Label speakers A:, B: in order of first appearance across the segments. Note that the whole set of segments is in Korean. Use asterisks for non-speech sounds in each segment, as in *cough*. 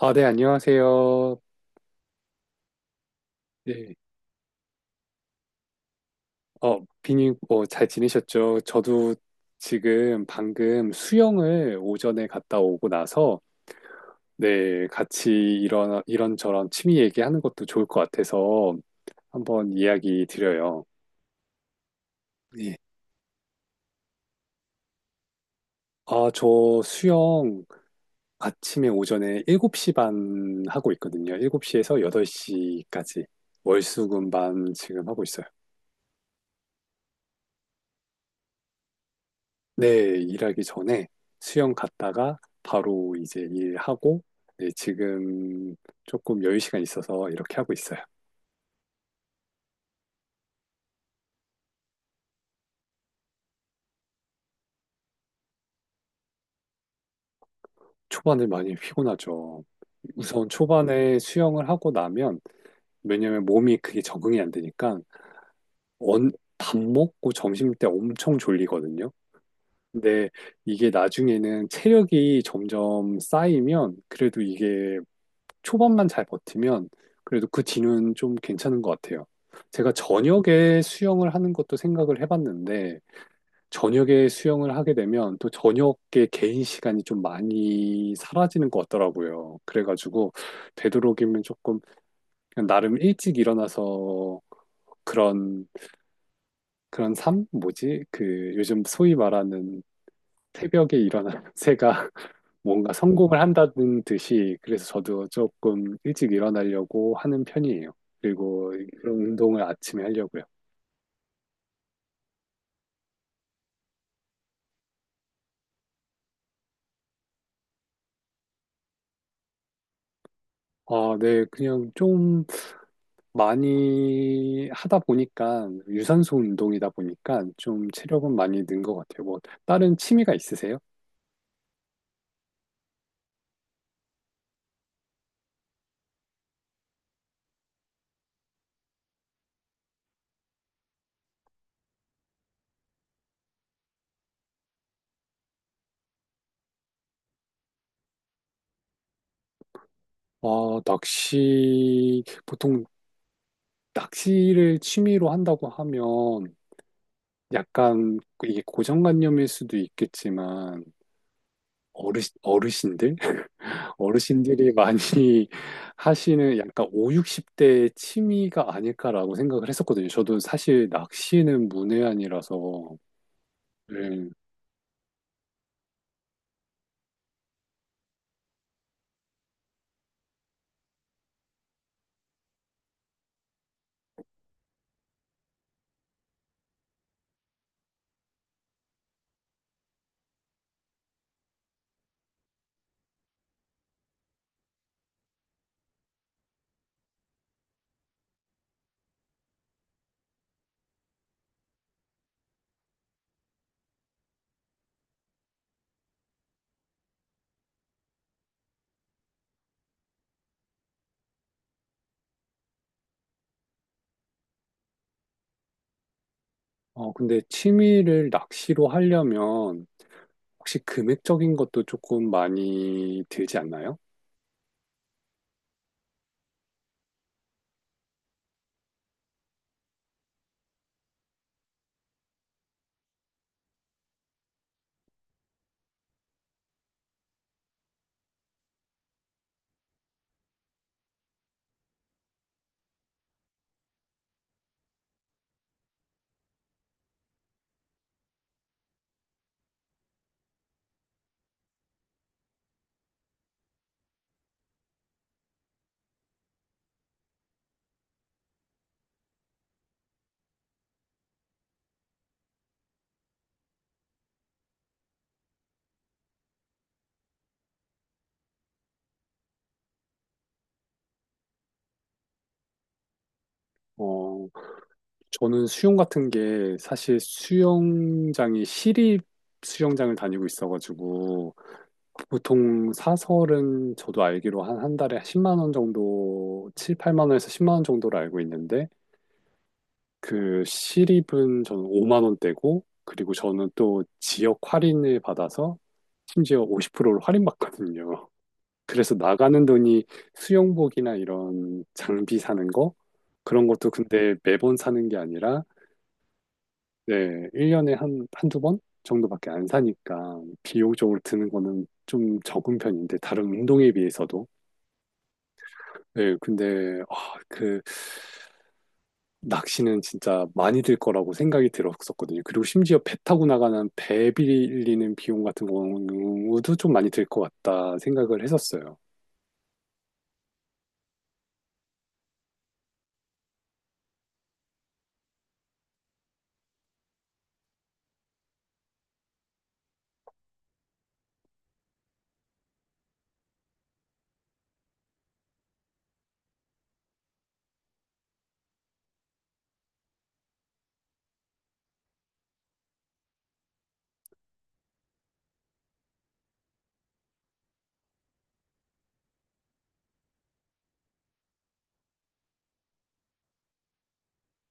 A: 아, 네, 안녕하세요. 네. 비님, 뭐, 잘 지내셨죠? 저도 지금 방금 수영을 오전에 갔다 오고 나서, 네, 같이 이런저런 취미 얘기하는 것도 좋을 것 같아서 한번 이야기 드려요. 네. 아, 저 수영 아침에 오전에 7시 반 하고 있거든요. 7시에서 8시까지. 월수금 반 지금 하고 있어요. 네, 일하기 전에 수영 갔다가 바로 이제 일하고, 네, 지금 조금 여유 시간 있어서 이렇게 하고 있어요. 초반에 많이 피곤하죠. 우선 초반에 수영을 하고 나면, 왜냐면 몸이 그게 적응이 안 되니까, 언, 밥 먹고 점심 때 엄청 졸리거든요. 근데 이게 나중에는 체력이 점점 쌓이면, 그래도 이게 초반만 잘 버티면 그래도 그 뒤는 좀 괜찮은 것 같아요. 제가 저녁에 수영을 하는 것도 생각을 해봤는데 저녁에 수영을 하게 되면 또 저녁에 개인 시간이 좀 많이 사라지는 것 같더라고요. 그래가지고 되도록이면 조금 그냥 나름 일찍 일어나서 그런 그런 삶 뭐지? 그 요즘 소위 말하는 새벽에 일어나는 *laughs* 새가 뭔가 성공을 한다는 듯이 그래서 저도 조금 일찍 일어나려고 하는 편이에요. 그리고 그런 운동을 아침에 하려고요. 아, 네, 그냥 좀 많이 하다 보니까 유산소 운동이다 보니까 좀 체력은 많이 는 것 같아요. 뭐 다른 취미가 있으세요? 아, 낚시 보통 낚시를 취미로 한다고 하면 약간 이게 고정관념일 수도 있겠지만 어르신들? *laughs* 어르신들이 많이 *laughs* 하시는 약간 5, 60대의 취미가 아닐까라고 생각을 했었거든요. 저도 사실 낚시는 문외한이라서. 네. 근데 취미를 낚시로 하려면 혹시 금액적인 것도 조금 많이 들지 않나요? 어, 저는 수영 같은 게 사실 수영장이 시립 수영장을 다니고 있어가지고 보통 사설은 저도 알기로 한, 한 달에 10만 원 정도, 7, 8만 원에서 10만 원 정도로 알고 있는데, 그 시립은 저는 5만 원대고, 그리고 저는 또 지역 할인을 받아서 심지어 50%를 할인받거든요. *laughs* 그래서 나가는 돈이 수영복이나 이런 장비 사는 거, 그런 것도 근데 매번 사는 게 아니라, 네, 1년에 한, 한두 번 정도밖에 안 사니까 비용적으로 드는 거는 좀 적은 편인데, 다른 운동에 비해서도. 네, 근데, 아, 그, 낚시는 진짜 많이 들 거라고 생각이 들었었거든요. 그리고 심지어 배 타고 나가는 배 빌리는 비용 같은 경우도 좀 많이 들 것 같다 생각을 했었어요.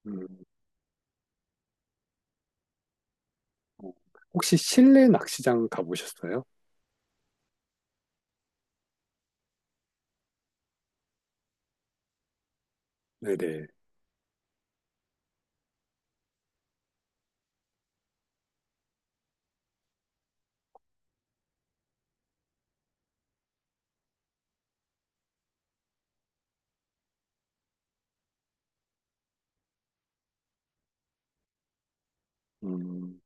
A: 음, 어, 혹시 실내 낚시장 가보셨어요? 네네. 음,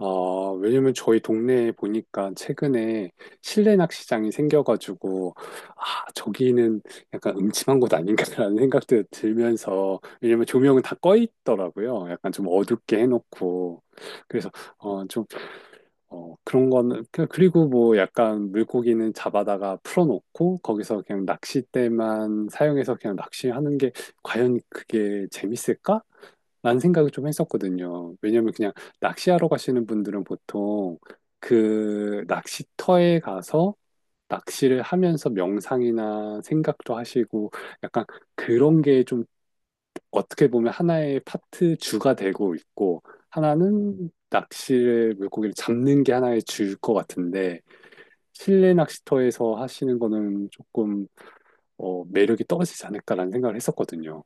A: 아, 왜냐면 저희 동네에 보니까 최근에 실내 낚시장이 생겨가지고, 아, 저기는 약간 음침한 곳 아닌가라는 *laughs* 생각도 들면서, 왜냐면 조명은 다 꺼 있더라고요. 약간 좀 어둡게 해놓고. 그래서, 좀 그런 거는, 그리고 뭐 약간 물고기는 잡아다가 풀어놓고 거기서 그냥 낚싯대만 사용해서 그냥 낚시하는 게 과연 그게 재밌을까? 라는 생각을 좀 했었거든요. 왜냐면 그냥 낚시하러 가시는 분들은 보통 그 낚시터에 가서 낚시를 하면서 명상이나 생각도 하시고 약간 그런 게좀 어떻게 보면 하나의 파트 주가 되고 있고 하나는 낚시를 물고기를 잡는 게 하나의 주일 것 같은데 실내 낚시터에서 하시는 거는 조금 매력이 떨어지지 않을까라는 생각을 했었거든요.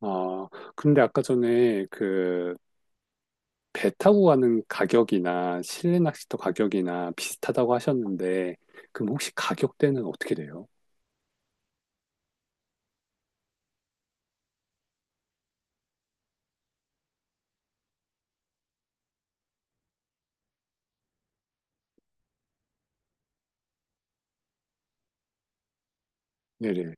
A: 아, 근데 아까 전에 그 배 타고 가는 가격이나 실내 낚시터 가격이나 비슷하다고 하셨는데 그럼 혹시 가격대는 어떻게 돼요? 네네.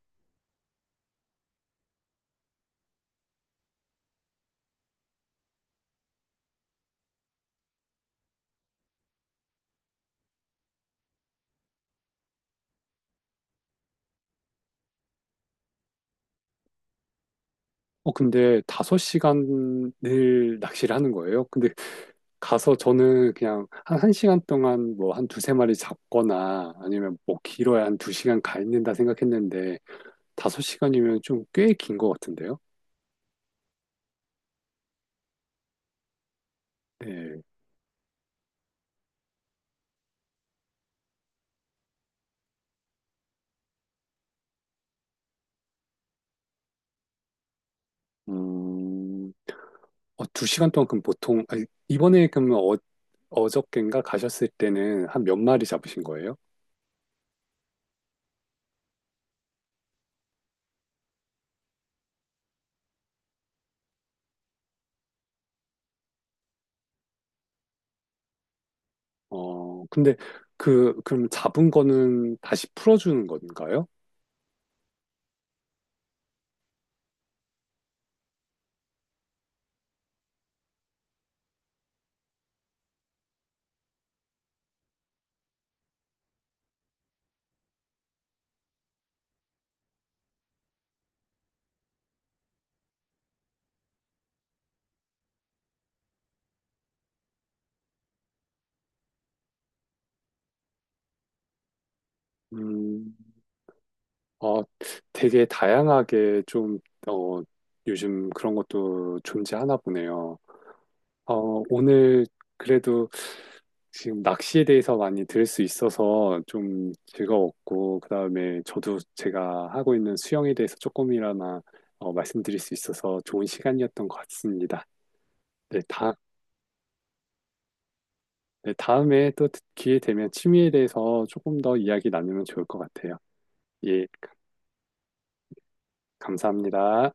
A: 근데 다섯 시간을 낚시를 하는 거예요? 근데 가서 저는 그냥 한 1시간 동안 뭐 한 두세 마리 잡거나 아니면 뭐 길어야 한 2시간 가 있는다 생각했는데 5시간이면 좀 꽤 긴 것 같은데요? 네. 음, 2시간 동안 그럼 보통, 아니, 이번에 그러면 어저껜가 가셨을 때는 한 몇 마리 잡으신 거예요? 근데 그럼 잡은 거는 다시 풀어주는 건가요? 음, 어, 되게 다양하게 좀, 어, 요즘 그런 것도 존재하나 보네요. 오늘 그래도 지금 낚시에 대해서 많이 들을 수 있어서 좀 즐거웠고, 그다음에 저도 제가 하고 있는 수영에 대해서 조금이나마 말씀드릴 수 있어서 좋은 시간이었던 것 같습니다. 네, 네, 다음에 또 기회 되면 취미에 대해서 조금 더 이야기 나누면 좋을 것 같아요. 예, 감사합니다.